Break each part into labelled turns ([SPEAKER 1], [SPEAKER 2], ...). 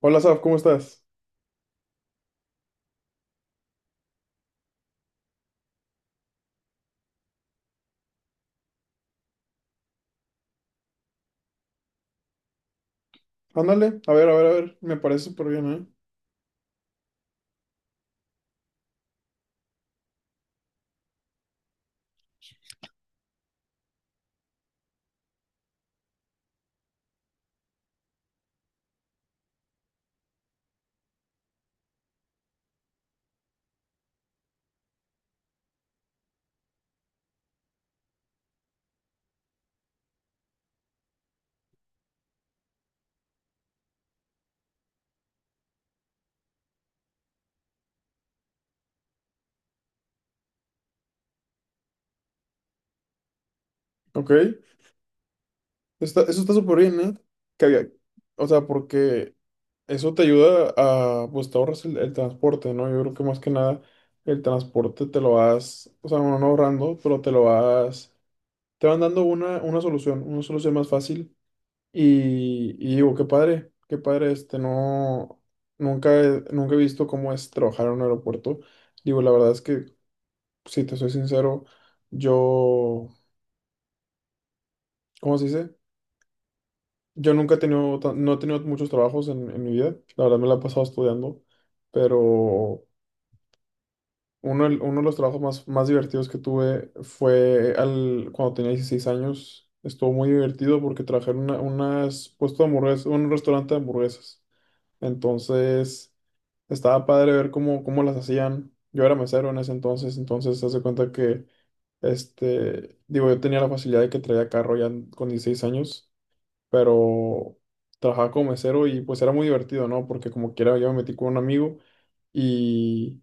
[SPEAKER 1] Hola, Saf, ¿cómo estás? Ándale, a ver, me parece súper bien, ¿eh? Ok, eso está súper bien, ¿eh? Que había- o sea, porque eso te ayuda a, pues te ahorras el transporte, ¿no? Yo creo que más que nada el transporte te lo vas, o sea, bueno, no ahorrando, pero te lo vas, te van dando una solución más fácil. Y digo, qué padre, nunca he visto cómo es trabajar en un aeropuerto. Digo, la verdad es que si te soy sincero, yo, ¿cómo se dice? Yo nunca no he tenido muchos trabajos en mi vida, la verdad me la he pasado estudiando, pero uno de los trabajos más divertidos que tuve cuando tenía 16 años. Estuvo muy divertido porque trabajé en unas puesto de hamburguesas, un restaurante de hamburguesas. Entonces estaba padre ver cómo las hacían. Yo era mesero en ese entonces, entonces se hace cuenta que, digo, yo tenía la facilidad de que traía carro ya con 16 años, pero trabajaba como mesero y pues era muy divertido, ¿no? Porque como quiera yo me metí con un amigo y,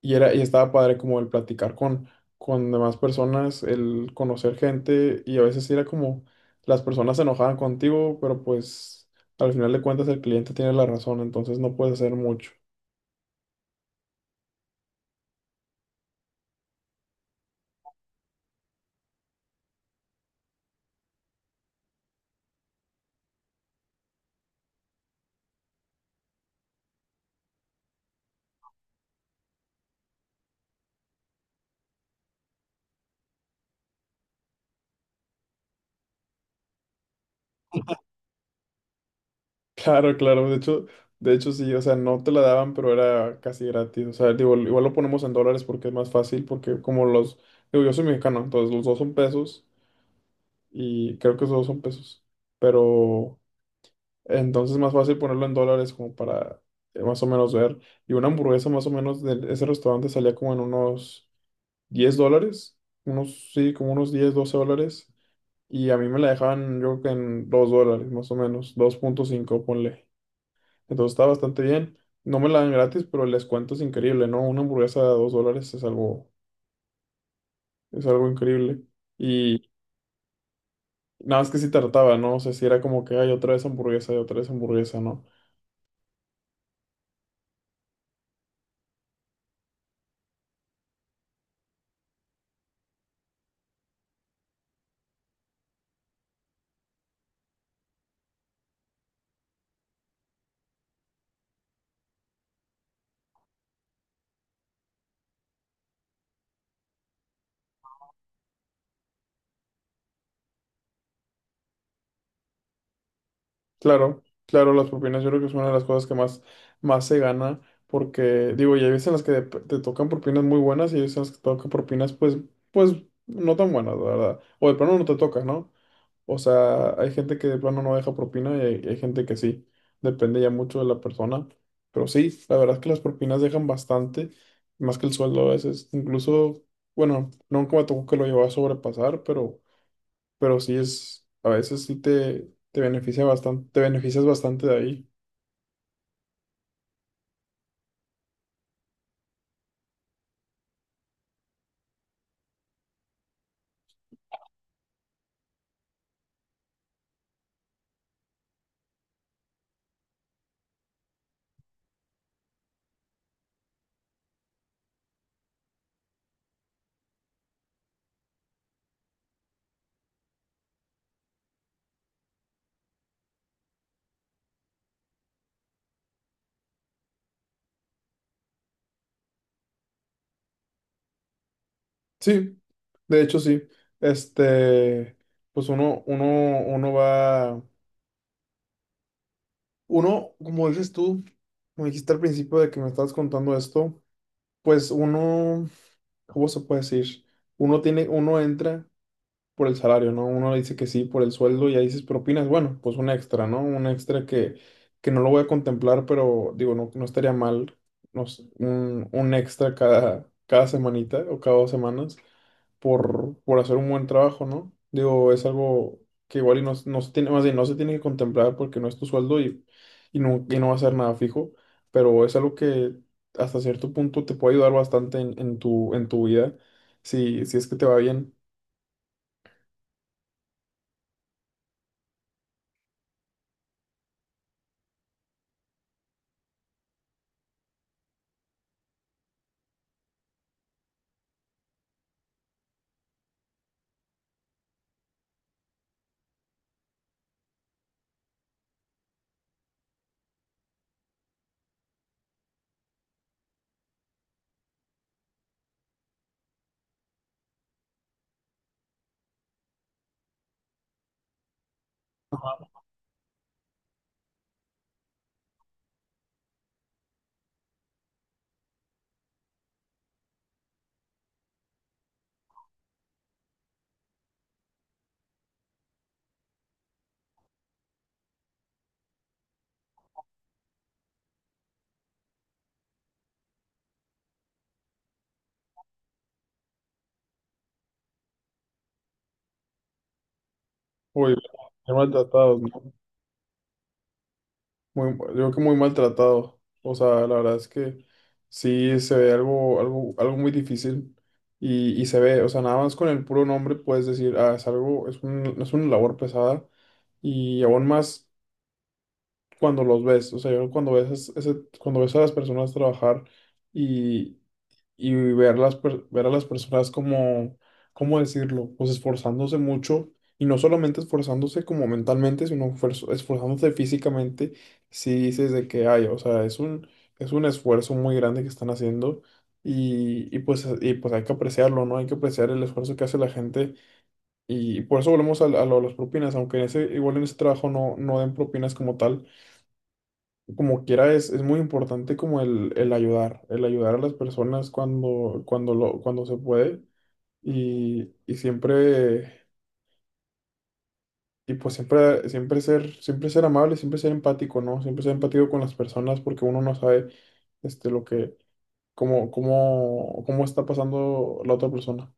[SPEAKER 1] y estaba padre como el platicar con demás personas, el conocer gente, y a veces sí era como las personas se enojaban contigo, pero pues al final de cuentas el cliente tiene la razón, entonces no puedes hacer mucho. Claro, claro, de hecho sí, o sea, no te la daban, pero era casi gratis. O sea, digo, igual lo ponemos en dólares porque es más fácil, porque como digo, yo soy mexicano, entonces los dos son pesos, y creo que los dos son pesos, pero entonces es más fácil ponerlo en dólares como para más o menos ver, y una hamburguesa más o menos de ese restaurante salía como en unos $10, unos, sí, como unos 10 o 12 dólares, y a mí me la dejaban yo creo que en $2, más o menos, 2.5 ponle. Entonces está bastante bien. No me la dan gratis, pero el descuento es increíble, ¿no? Una hamburguesa de $2 es algo increíble. Y nada más que si trataba, ¿no? O sea, si era como que hay otra vez hamburguesa y otra vez hamburguesa, ¿no? Claro, claro, las propinas yo creo que es una de las cosas que más, más se gana, porque digo, ya hay veces en las que te tocan propinas muy buenas, y hay veces en las que te tocan propinas pues, pues no tan buenas, la verdad. O de plano no te toca, ¿no? O sea, hay gente que de plano no deja propina, y hay gente que sí. Depende ya mucho de la persona. Pero sí, la verdad es que las propinas dejan bastante, más que el sueldo a veces. Incluso, bueno, nunca me tocó que lo llevaba a sobrepasar, pero sí es, a veces sí te beneficia bastante, te beneficias bastante de ahí. Sí, de hecho sí. Este, pues uno, uno, uno va, uno, como dices tú, como dijiste al principio de que me estabas contando esto, pues uno, ¿cómo se puede decir? Uno entra por el salario, ¿no? Uno le dice que sí por el sueldo, y ahí dices propinas, bueno, pues un extra, ¿no? Un extra que no lo voy a contemplar, pero digo, no, no estaría mal, no sé, un extra cada semanita o cada 2 semanas por hacer un buen trabajo, ¿no? Digo, es algo que igual y no, no se tiene, más bien, no se tiene que contemplar porque no es tu sueldo y no va a ser nada fijo, pero es algo que hasta cierto punto te puede ayudar bastante en tu vida, si, si es que te va bien. Ajá. Uy, muy maltratados, ¿no? Muy, yo creo que muy maltratados. O sea, la verdad es que sí se ve algo, algo, algo muy difícil. Y se ve, o sea, nada más con el puro nombre puedes decir, ah, es algo, es un, es una labor pesada. Y aún más cuando los ves. O sea, yo cuando ves a las personas trabajar y y ver ver a las personas como, ¿cómo decirlo? Pues esforzándose mucho, y no solamente esforzándose como mentalmente, sino esforzándose físicamente, si dices de que hay, o sea, es un esfuerzo muy grande que están haciendo, y pues hay que apreciarlo, ¿no? Hay que apreciar el esfuerzo que hace la gente, por eso volvemos a lo de las propinas, aunque igual en ese trabajo no, no den propinas como tal. Como quiera, es muy importante como el ayudar a las personas cuando se puede y siempre, y pues siempre, siempre ser amable, siempre ser empático, ¿no? Siempre ser empático con las personas porque uno no sabe, este, lo que, cómo está pasando la otra persona.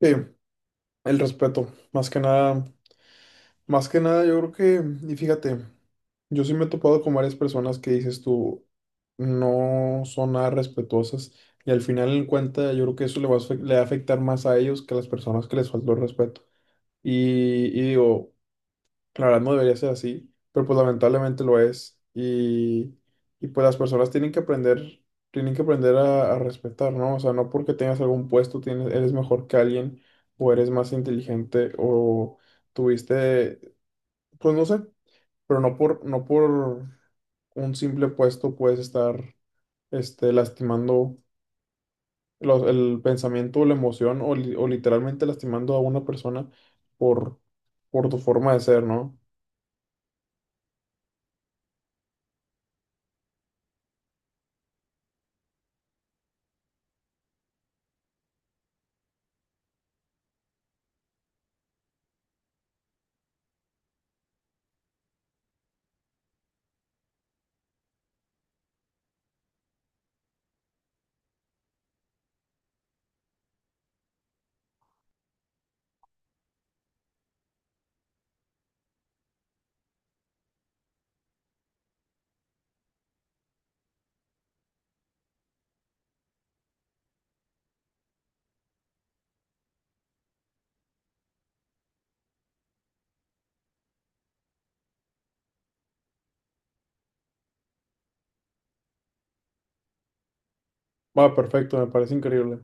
[SPEAKER 1] Sí, el respeto, más que nada. Más que nada, yo creo que, y fíjate, yo sí me he topado con varias personas que dices tú, no son nada respetuosas, y al final en cuenta yo creo que eso le va a afectar más a ellos que a las personas que les faltó el respeto. Y digo, la verdad no debería ser así, pero pues lamentablemente lo es. Y pues las personas tienen que aprender a respetar, ¿no? O sea, no porque tengas algún puesto tienes, eres mejor que alguien, o eres más inteligente, o tuviste, pues no sé, pero no por un simple puesto puedes estar, lastimando el pensamiento o la emoción, o literalmente lastimando a una persona por, por tu forma de ser, ¿no? Va, perfecto, me parece increíble.